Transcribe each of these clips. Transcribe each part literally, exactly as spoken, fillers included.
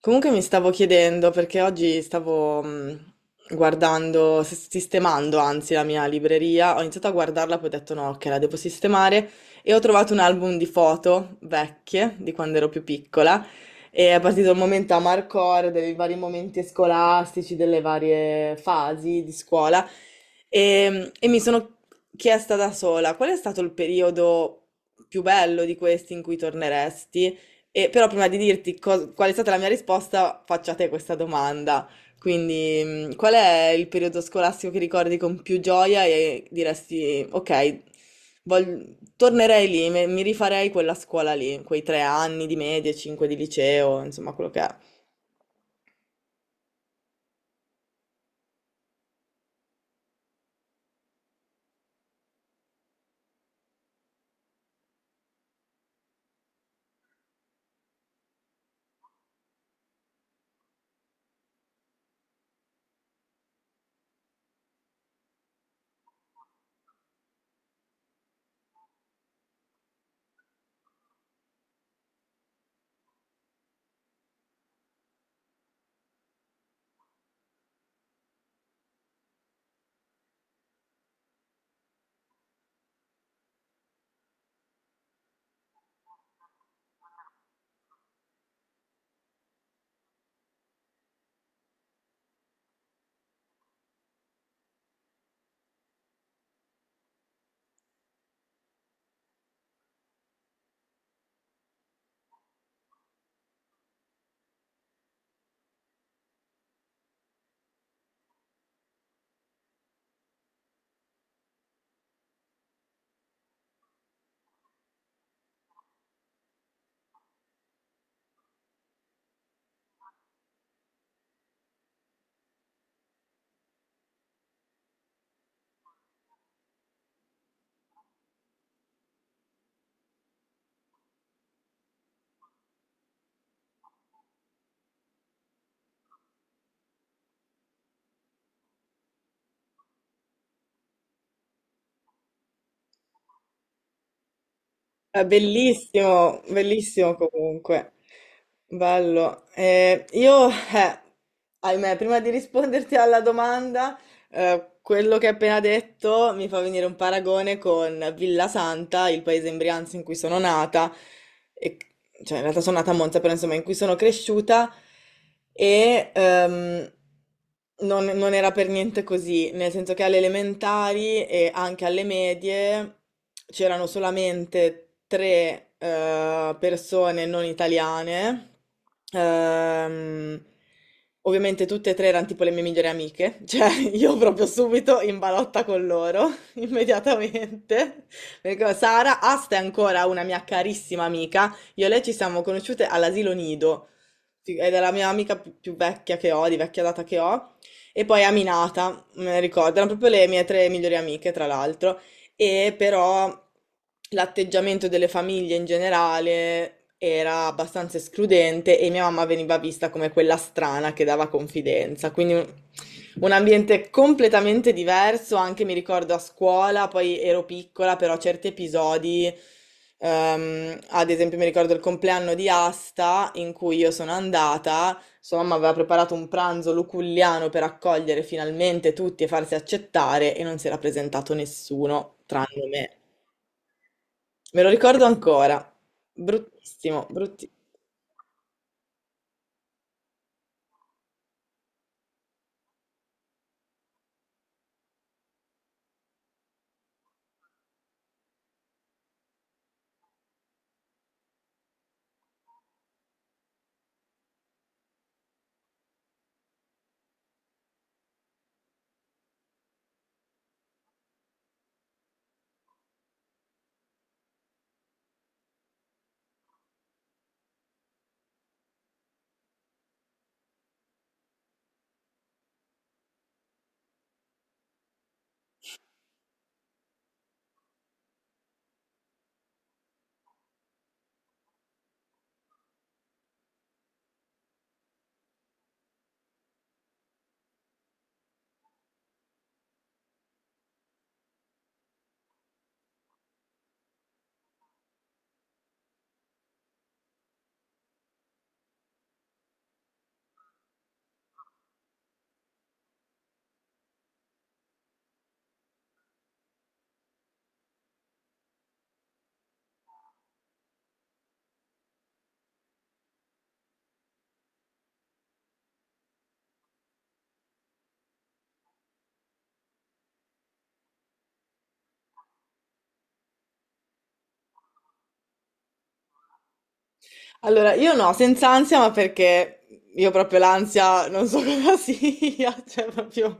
Comunque mi stavo chiedendo, perché oggi stavo mh, guardando, s- sistemando anzi la mia libreria, ho iniziato a guardarla, poi ho detto no, che la devo sistemare e ho trovato un album di foto vecchie, di quando ero più piccola, e è partito il momento amarcord dei vari momenti scolastici, delle varie fasi di scuola e, e mi sono chiesta da sola qual è stato il periodo più bello di questi in cui torneresti? E però prima di dirti cos- qual è stata la mia risposta, faccio a te questa domanda. Quindi, mh, qual è il periodo scolastico che ricordi con più gioia e diresti, ok, vol- tornerei lì, me- mi rifarei quella scuola lì, quei tre anni di medie, cinque di liceo, insomma, quello che è. È bellissimo, bellissimo comunque. Bello. Eh, io, eh, ahimè, prima di risponderti alla domanda... Eh, quello che hai appena detto mi fa venire un paragone con Villa Santa, il paese in Brianza in cui sono nata, e- cioè in realtà sono nata a Monza, però insomma in cui sono cresciuta e ehm, non, non era per niente così, nel senso che alle elementari e anche alle medie c'erano solamente tre eh, persone non italiane. ehm, Ovviamente tutte e tre erano tipo le mie migliori amiche, cioè io proprio subito in balotta con loro, immediatamente. Mi ricordo, Sara, Asta è ancora una mia carissima amica, io e lei ci siamo conosciute all'asilo Nido, sì, ed è la mia amica più più vecchia che ho, di vecchia data che ho, e poi Aminata, me ne ricordo, erano proprio le mie tre migliori amiche, tra l'altro e però l'atteggiamento delle famiglie in generale era abbastanza escludente e mia mamma veniva vista come quella strana che dava confidenza, quindi un ambiente completamente diverso, anche mi ricordo a scuola, poi ero piccola, però certi episodi, ehm, ad esempio mi ricordo il compleanno di Asta in cui io sono andata, sua mamma aveva preparato un pranzo luculliano per accogliere finalmente tutti e farsi accettare e non si era presentato nessuno, tranne me. Me lo ricordo ancora. Bruttissimo, bruttissimo. Allora, io no, senza ansia, ma perché io proprio l'ansia non so cosa sia, cioè proprio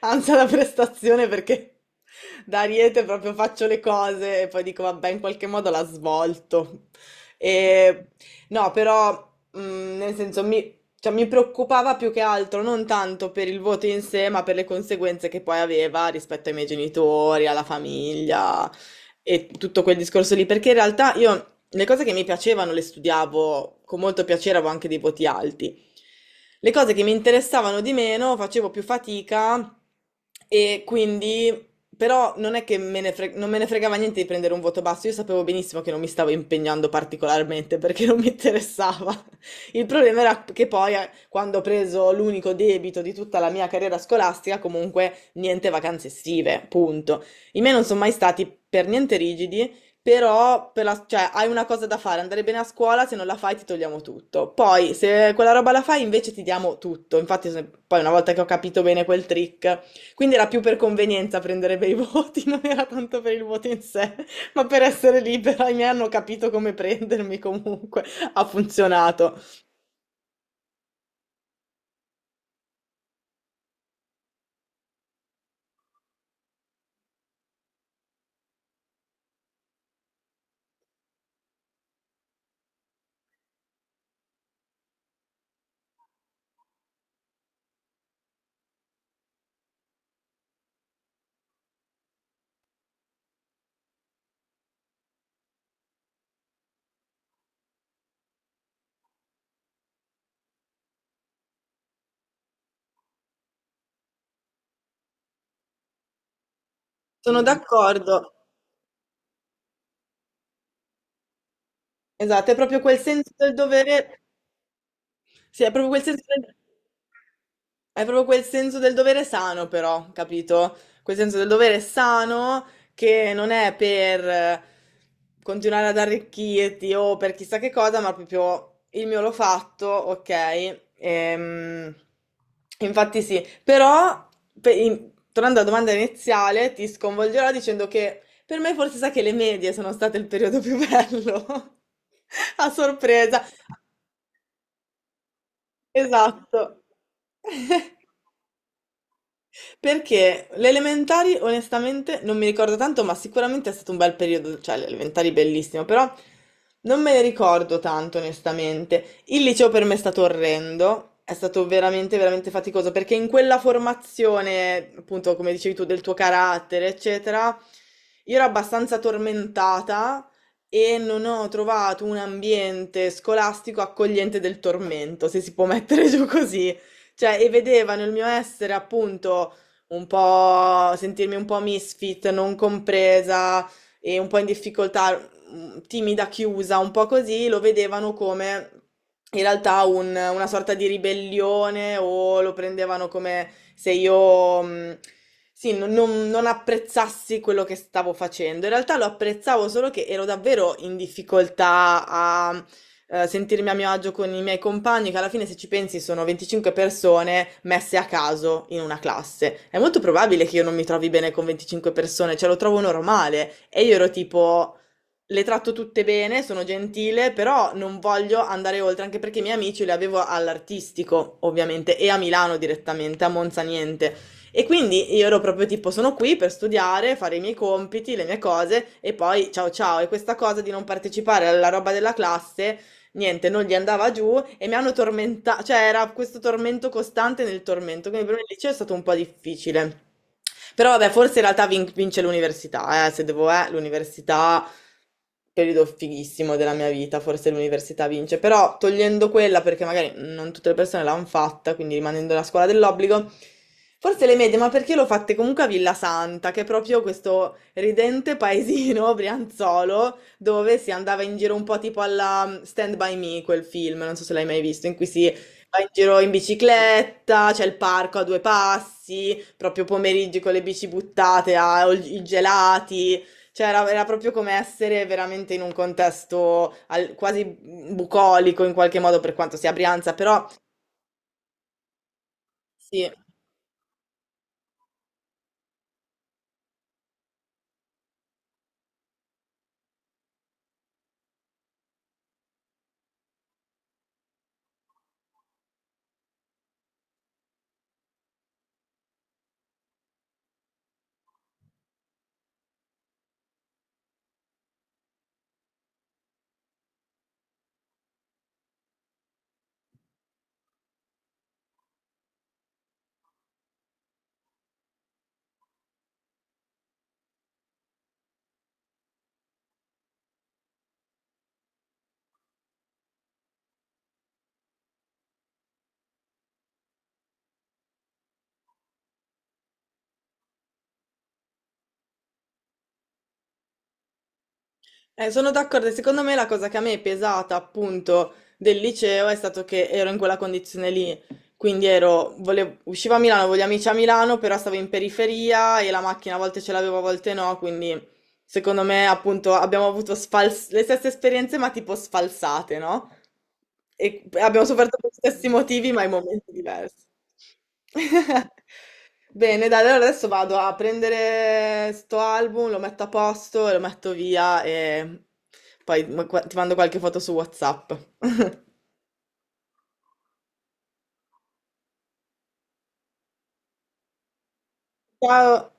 ansia da prestazione perché da Ariete proprio faccio le cose e poi dico vabbè, in qualche modo la svolto. E, no, però mh, nel senso mi, cioè, mi preoccupava più che altro non tanto per il voto in sé, ma per le conseguenze che poi aveva rispetto ai miei genitori, alla famiglia e tutto quel discorso lì, perché in realtà io le cose che mi piacevano le studiavo con molto piacere, avevo anche dei voti alti. Le cose che mi interessavano di meno facevo più fatica e quindi, però non è che me ne fre- non me ne fregava niente di prendere un voto basso, io sapevo benissimo che non mi stavo impegnando particolarmente perché non mi interessava. Il problema era che poi, eh, quando ho preso l'unico debito di tutta la mia carriera scolastica, comunque niente vacanze estive, punto. I miei non sono mai stati per niente rigidi. Però per la- cioè, hai una cosa da fare, andare bene a scuola, se non la fai ti togliamo tutto. Poi se quella roba la fai invece ti diamo tutto. Infatti se- poi una volta che ho capito bene quel trick, quindi era più per convenienza prendere bei voti, non era tanto per il voto in sé, ma per essere libera. I miei hanno capito come prendermi comunque, ha funzionato. Sono d'accordo. Esatto, è proprio quel senso del dovere. Sì, è proprio quel senso del. Hai proprio quel senso del dovere sano però, capito? Quel senso del dovere sano che non è per eh, continuare ad arricchirti o per chissà che cosa, ma proprio il mio l'ho fatto, ok? Ehm, infatti sì, però pe- in- tornando alla domanda iniziale, ti sconvolgerò dicendo che per me forse sa che le medie sono state il periodo più bello, a sorpresa, esatto. Perché le elementari, onestamente, non mi ricordo tanto, ma sicuramente è stato un bel periodo, cioè le elementari bellissimo, però non me ne ricordo tanto, onestamente. Il liceo per me è stato orrendo, è stato veramente, veramente faticoso, perché in quella formazione, appunto, come dicevi tu, del tuo carattere, eccetera, io ero abbastanza tormentata e non ho trovato un ambiente scolastico accogliente del tormento, se si può mettere giù così. Cioè, e vedevano il mio essere appunto un po' sentirmi un po' misfit, non compresa e un po' in difficoltà, mm, timida, chiusa, un po' così, lo vedevano come in realtà un- una sorta di ribellione o lo prendevano come se io... mm, sì, non, non- non apprezzassi quello che stavo facendo. In realtà lo apprezzavo solo che ero davvero in difficoltà a eh, sentirmi a mio agio con i miei compagni, che alla fine, se ci pensi, sono venticinque persone messe a caso in una classe. È molto probabile che io non mi trovi bene con venticinque persone, cioè lo trovo normale. E io ero tipo le tratto tutte bene, sono gentile, però non voglio andare oltre, anche perché i miei amici li avevo all'artistico, ovviamente, e a Milano direttamente, a Monza niente. E quindi io ero proprio tipo, sono qui per studiare, fare i miei compiti, le mie cose, e poi ciao ciao. E questa cosa di non partecipare alla roba della classe, niente, non gli andava giù e mi hanno tormentato, cioè era questo tormento costante nel tormento, quindi per me il liceo è stato un po' difficile. Però vabbè, forse in realtà vin- vince l'università, eh, se devo, eh, l'università periodo fighissimo della mia vita, forse l'università vince, però togliendo quella perché magari non tutte le persone l'hanno fatta, quindi rimanendo la scuola dell'obbligo, forse le medie, ma perché l'ho fatte comunque a Villa Santa, che è proprio questo ridente paesino brianzolo dove si andava in giro un po' tipo alla Stand By Me, quel film, non so se l'hai mai visto, in cui si va in giro in bicicletta, c'è il parco a due passi, proprio pomeriggi con le bici buttate, ah, o i gelati. Cioè, era, era proprio come essere veramente in un contesto al- quasi bucolico in qualche modo, per quanto sia Brianza, però sì. Eh, sono d'accordo. E secondo me la cosa che a me è pesata appunto del liceo è stato che ero in quella condizione lì. Quindi ero, volevo, uscivo a Milano, avevo gli amici a Milano, però stavo in periferia e la macchina a volte ce l'avevo, a volte no, quindi secondo me, appunto, abbiamo avuto sfals- le stesse esperienze, ma tipo sfalsate, no? E abbiamo sofferto per gli stessi motivi, ma in momenti diversi. Bene, dai, allora adesso vado a prendere sto album, lo metto a posto, e lo metto via e poi ma- ti mando qualche foto su WhatsApp. Ciao!